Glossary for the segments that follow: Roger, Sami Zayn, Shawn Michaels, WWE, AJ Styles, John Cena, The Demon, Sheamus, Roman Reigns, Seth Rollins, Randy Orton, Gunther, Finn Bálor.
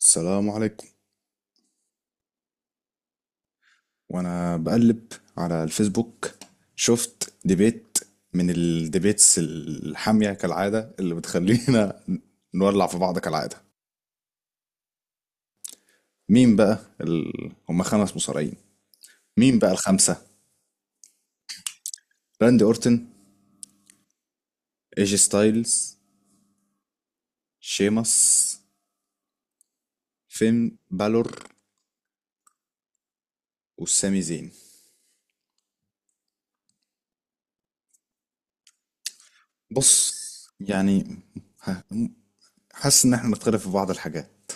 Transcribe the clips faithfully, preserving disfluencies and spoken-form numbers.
السلام عليكم. وانا بقلب على الفيسبوك شفت ديبيت من الديبيتس الحامية كالعادة اللي بتخلينا نولع في بعض كالعادة. مين بقى ال... هما خمس مصارعين؟ مين بقى الخمسة؟ راندي اورتن، ايجي ستايلز، شيمس، فين بالور، والسامي زين. بص، يعني، ح- حاسس ان احنا نختلف في بعض الحاجات.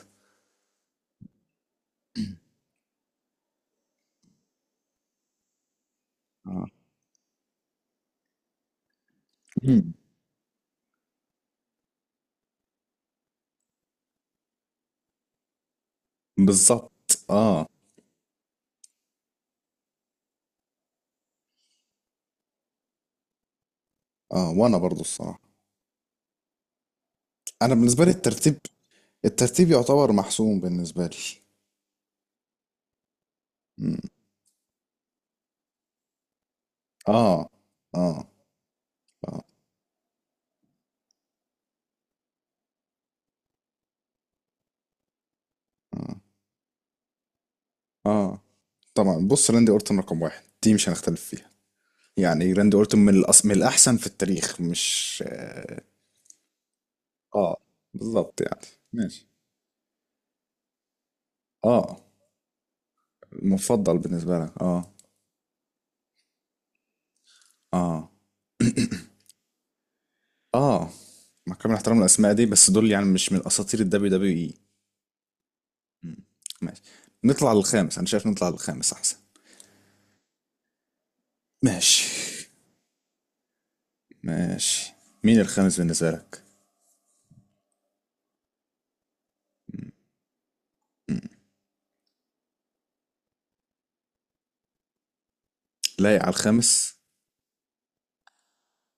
آه. مم. بالظبط اه. اه وانا برضو الصراحة، انا بالنسبه لي الترتيب، الترتيب يعتبر محسوم بالنسبه لي. مم. اه اه اه اه، آه. طبعا، بص، راندي اورتون رقم واحد دي مش هنختلف فيها. يعني راندي اورتون من الأص... من الاحسن في التاريخ، مش اه بالظبط يعني. ماشي اه. مفضل بالنسبه لك اه. اه اه مع كامل احترام الاسماء دي، بس دول يعني مش من اساطير الدبليو دبليو اي. ماشي، نطلع للخامس، انا شايف نطلع للخامس احسن. ماشي ماشي. مين الخامس بالنسبة لك؟ لايق على الخامس.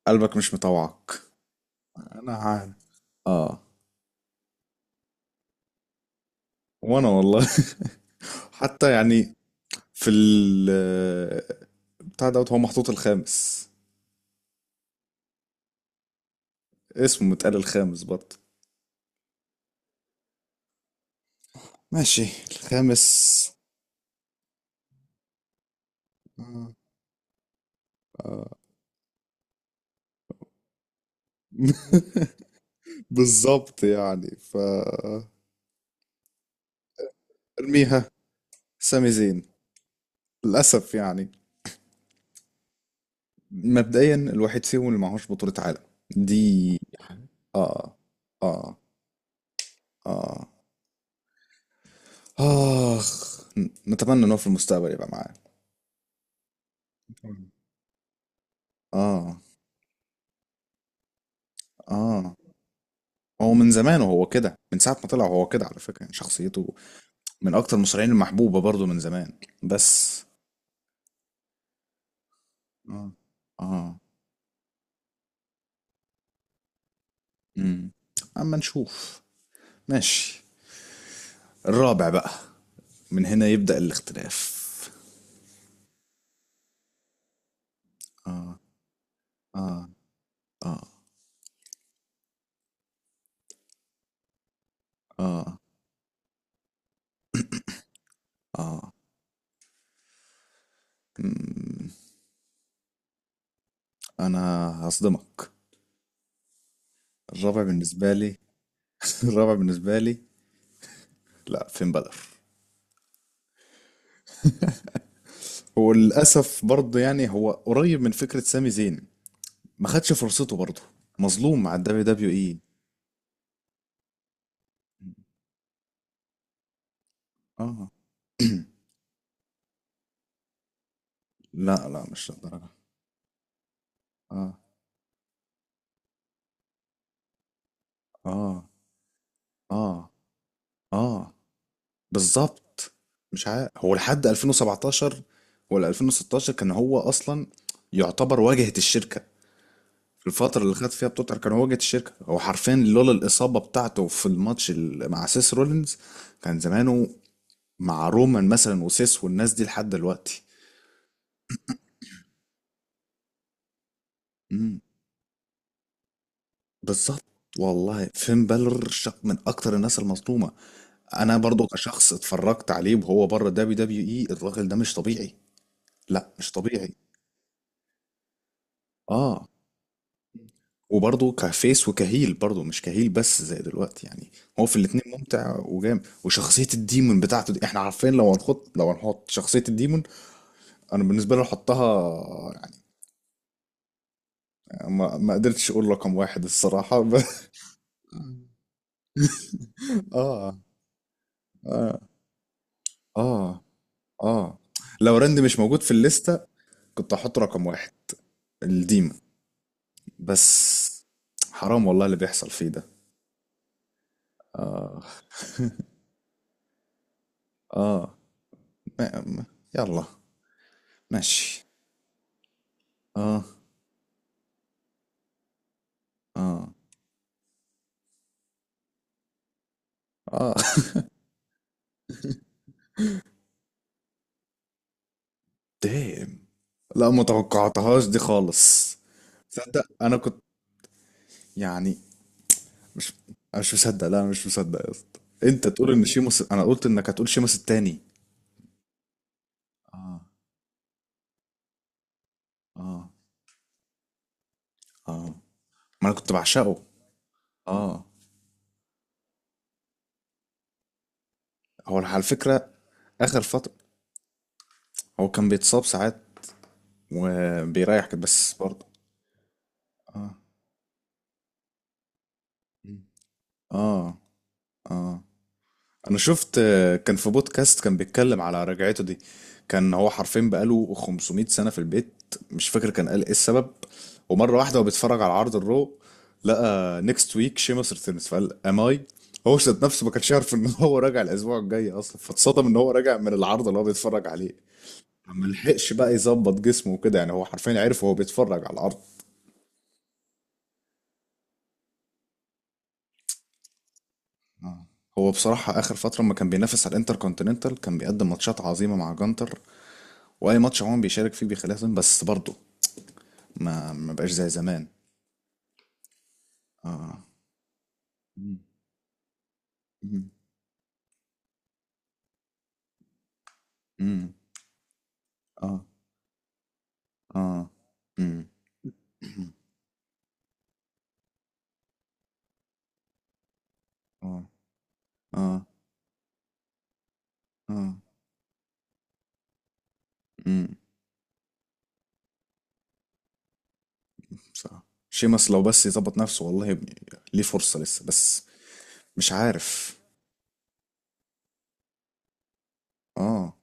قلبك مش مطوعك. انا عارف. اه وانا والله حتى يعني في ال بتاع دوت هو محطوط الخامس، اسمه متقال الخامس برضه. ماشي، الخامس. آه. بالظبط يعني ف ارميها. سامي زين، للأسف يعني. مبدئيا الواحد فيهم اللي معهوش بطولة عالم دي. اه اه اه اخ، ن- نتمنى ان هو في المستقبل يبقى معاه. اه اه. هو من زمان وهو كده، من ساعة ما طلع وهو كده على فكرة، يعني شخصيته من اكتر المصارعين المحبوبة برضو من زمان، بس اه. اه امم. اما نشوف. ماشي، الرابع بقى، من هنا يبدأ الاختلاف. اه اه اه اه. انا هصدمك. الرابع بالنسبة لي الرابع بالنسبة لي، لا فين بدر. وللأسف برضه يعني هو قريب من فكرة سامي زين، ما خدش فرصته برضه، مظلوم مع الدبليو دبليو اي. اه لا لا، مش للدرجة. اه اه اه اه بالظبط. مش عارف، هو لحد ألفين وسبعتاشر ولا ألفين وستاشر كان هو أصلا يعتبر واجهة الشركة. في الفترة اللي خد فيها بتوتر كان هو واجهة الشركة، هو حرفيا لولا الإصابة بتاعته في الماتش ال- مع سيس رولينز كان زمانه مع رومان مثلا وسيس والناس دي لحد دلوقتي. بالظبط. والله فين بالور شخ... من اكتر الناس المظلومه. انا برضو كشخص اتفرجت عليه وهو بره دبليو دبليو اي، الراجل ده مش طبيعي. لا مش طبيعي. اه وبرضه كفيس وكهيل، برضه مش كهيل بس زي دلوقتي يعني، هو في الاتنين ممتع وجامد. وشخصية الديمون بتاعته دي، احنا عارفين لو هنحط، لو هنحط شخصية الديمون انا بالنسبة لي احطها يعني. ما, ما قدرتش اقول رقم واحد الصراحة ب... اه اه اه اه. لو راند مش موجود في الليستة كنت احط رقم واحد الديمو. بس حرام والله اللي بيحصل فيه ده. اه اه ما ما- يلا ماشي. اه اه اه دام. لا ما توقعتهاش دي خالص. تصدق انا كنت يعني مش، انا مش مصدق، لا انا مش مصدق يا اسطى انت تقول ان شيموس. انا قلت انك هتقول شيموس التاني. اه اه اه ما انا كنت بعشقه. اه هو على فكرة، اخر فترة هو كان بيتصاب ساعات وبيريحك، بس برضه. مم. اه اه. انا شفت آه، كان في بودكاست كان بيتكلم على رجعته دي. كان هو حرفيا بقاله خمسمئة سنة في البيت، مش فاكر كان قال ايه السبب، ومرة واحدة وهو بيتفرج على عرض الرو لقى نيكست ويك شيمس ريتيرنز فقال ام اي. هو ذات نفسه ما كانش يعرف ان هو راجع الاسبوع الجاي اصلا، فاتصدم ان هو راجع من العرض اللي هو بيتفرج عليه. ما لحقش بقى يظبط جسمه وكده، يعني هو حرفيا عرف وهو بيتفرج على العرض. آه. هو بصراحة آخر فترة ما كان بينافس على الانتر كونتيننتال كان بيقدم ماتشات عظيمة مع جانتر، وأي ماتش عموما بيشارك فيه بيخليها تظلم، بس برضه ما ما بقاش زي زمان. اه مم. مم. مم. اه اه مم. مم. اه اه اه مم. صح. شيمس لو بس يظبط نفسه، والله يا ابني، ليه فرصة لسه بس. مش عارف. اه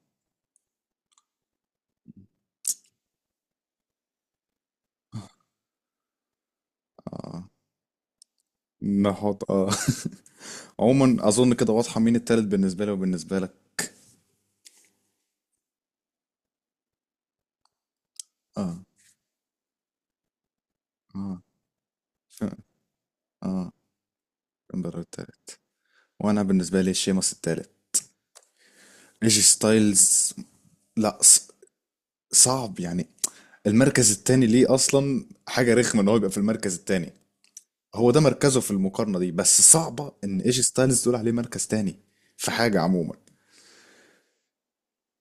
اه. نحط اه عموما أظن كده واضحة مين التالت بالنسبة لي وبالنسبة لك. اه اه ف- اه كامبر التالت. وانا بالنسبه لي شيمس التالت. ايجي ستايلز، لا ص- صعب يعني. المركز التاني ليه اصلا حاجه رخمه ان هو يبقى في المركز التاني. هو ده مركزه في المقارنه دي، بس صعبه ان ايجي ستايلز تقول عليه مركز تاني في حاجه عموما.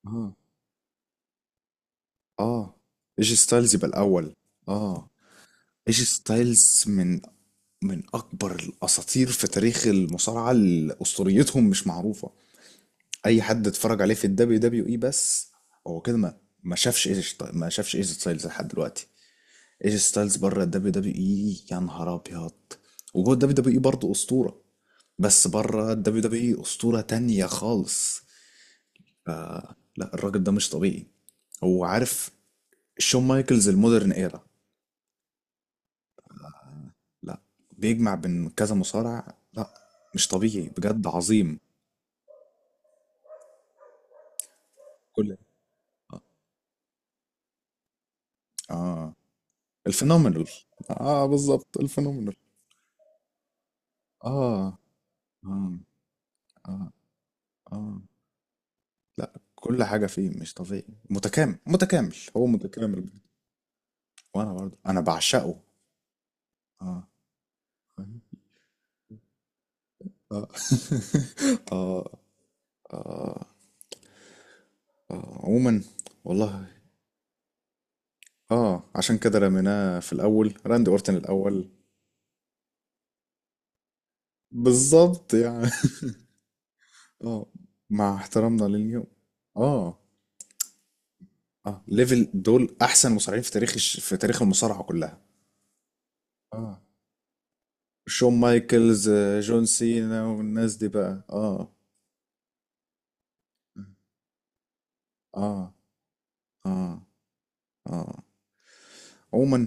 اه اه. ايجي ستايلز يبقى الاول. اه. ايجي ستايلز من، من اكبر الاساطير في تاريخ المصارعه اللي اسطوريتهم مش معروفه. اي حد اتفرج عليه في الدبليو دبليو اي بس، هو كده ما، ما شافش ايجي شتا- ما شافش ايجي ستايلز لحد دلوقتي. ايجي ستايلز بره الدبليو دبليو اي يا نهار ابيض. وجوه الدبليو دبليو اي برضه اسطوره، بس بره الدبليو دبليو اي اسطوره تانية خالص. ف- لا، الراجل ده مش طبيعي. هو عارف، شون مايكلز المودرن ايرا، لا، بيجمع بين كذا مصارع. لا مش طبيعي، بجد عظيم. كل اه آه. الفينومينال. اه بالظبط، الفينومينال. اه آه آه آه. لأ كل حاجة فيه مش طبيعي. متكامل، متكامل، هو متكامل. وأنا برضه أنا بعشقه. آه. فاهم؟ آه آه آه آه. عموما والله آه، عشان كده رميناه في الأول، راندي أورتن الأول. بالظبط يعني آه، مع احترامنا لليوم. آه آه، ليفل دول أحسن مصارعين في تاريخ الش- في تاريخ المصارعة كلها. آه شون مايكلز آه، جون سينا والناس دي بقى اه. آه آه آه. عموما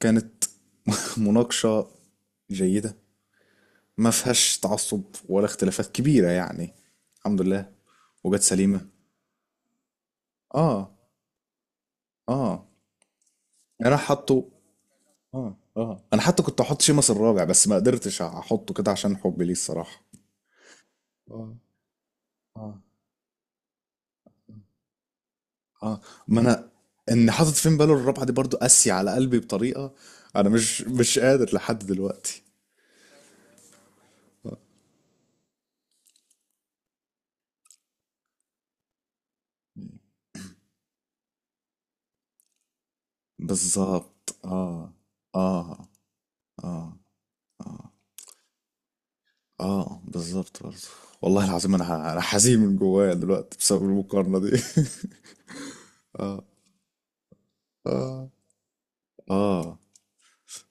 كانت مناقشة جيدة، ما فيهاش تعصب ولا اختلافات كبيرة يعني. الحمد لله. وجت سليمة. آه آه. أنا حاطه آه آه، أنا حتى كنت أحط شيمس الرابع بس ما قدرتش أحطه كده عشان حبي ليه الصراحة. آه آه آه ما أنا، إن حاطط فين باله الرابعة دي برضو قاسية على قلبي بطريقة، أنا مش، مش قادر لحد دلوقتي. بالظبط آه آه آه. اه بالظبط برضه. والله العظيم انا انا حزين من جوايا دلوقتي بسبب المقارنه دي اه.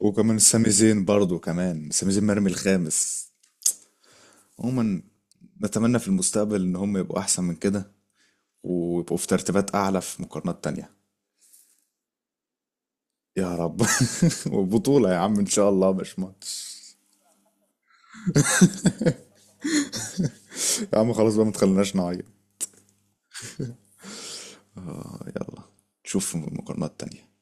وكمان سامي زين برضه، كمان سامي زين مرمي الخامس. عموما، نتمنى في المستقبل ان هم يبقوا احسن من كده، ويبقوا في ترتيبات اعلى في مقارنات تانية. يا رب. وبطولة يا عم ان شاء الله، مش ماتش. يا عم خلاص بقى، ما تخليناش نعيط. آه، يلا، نشوف مقارنات تانية.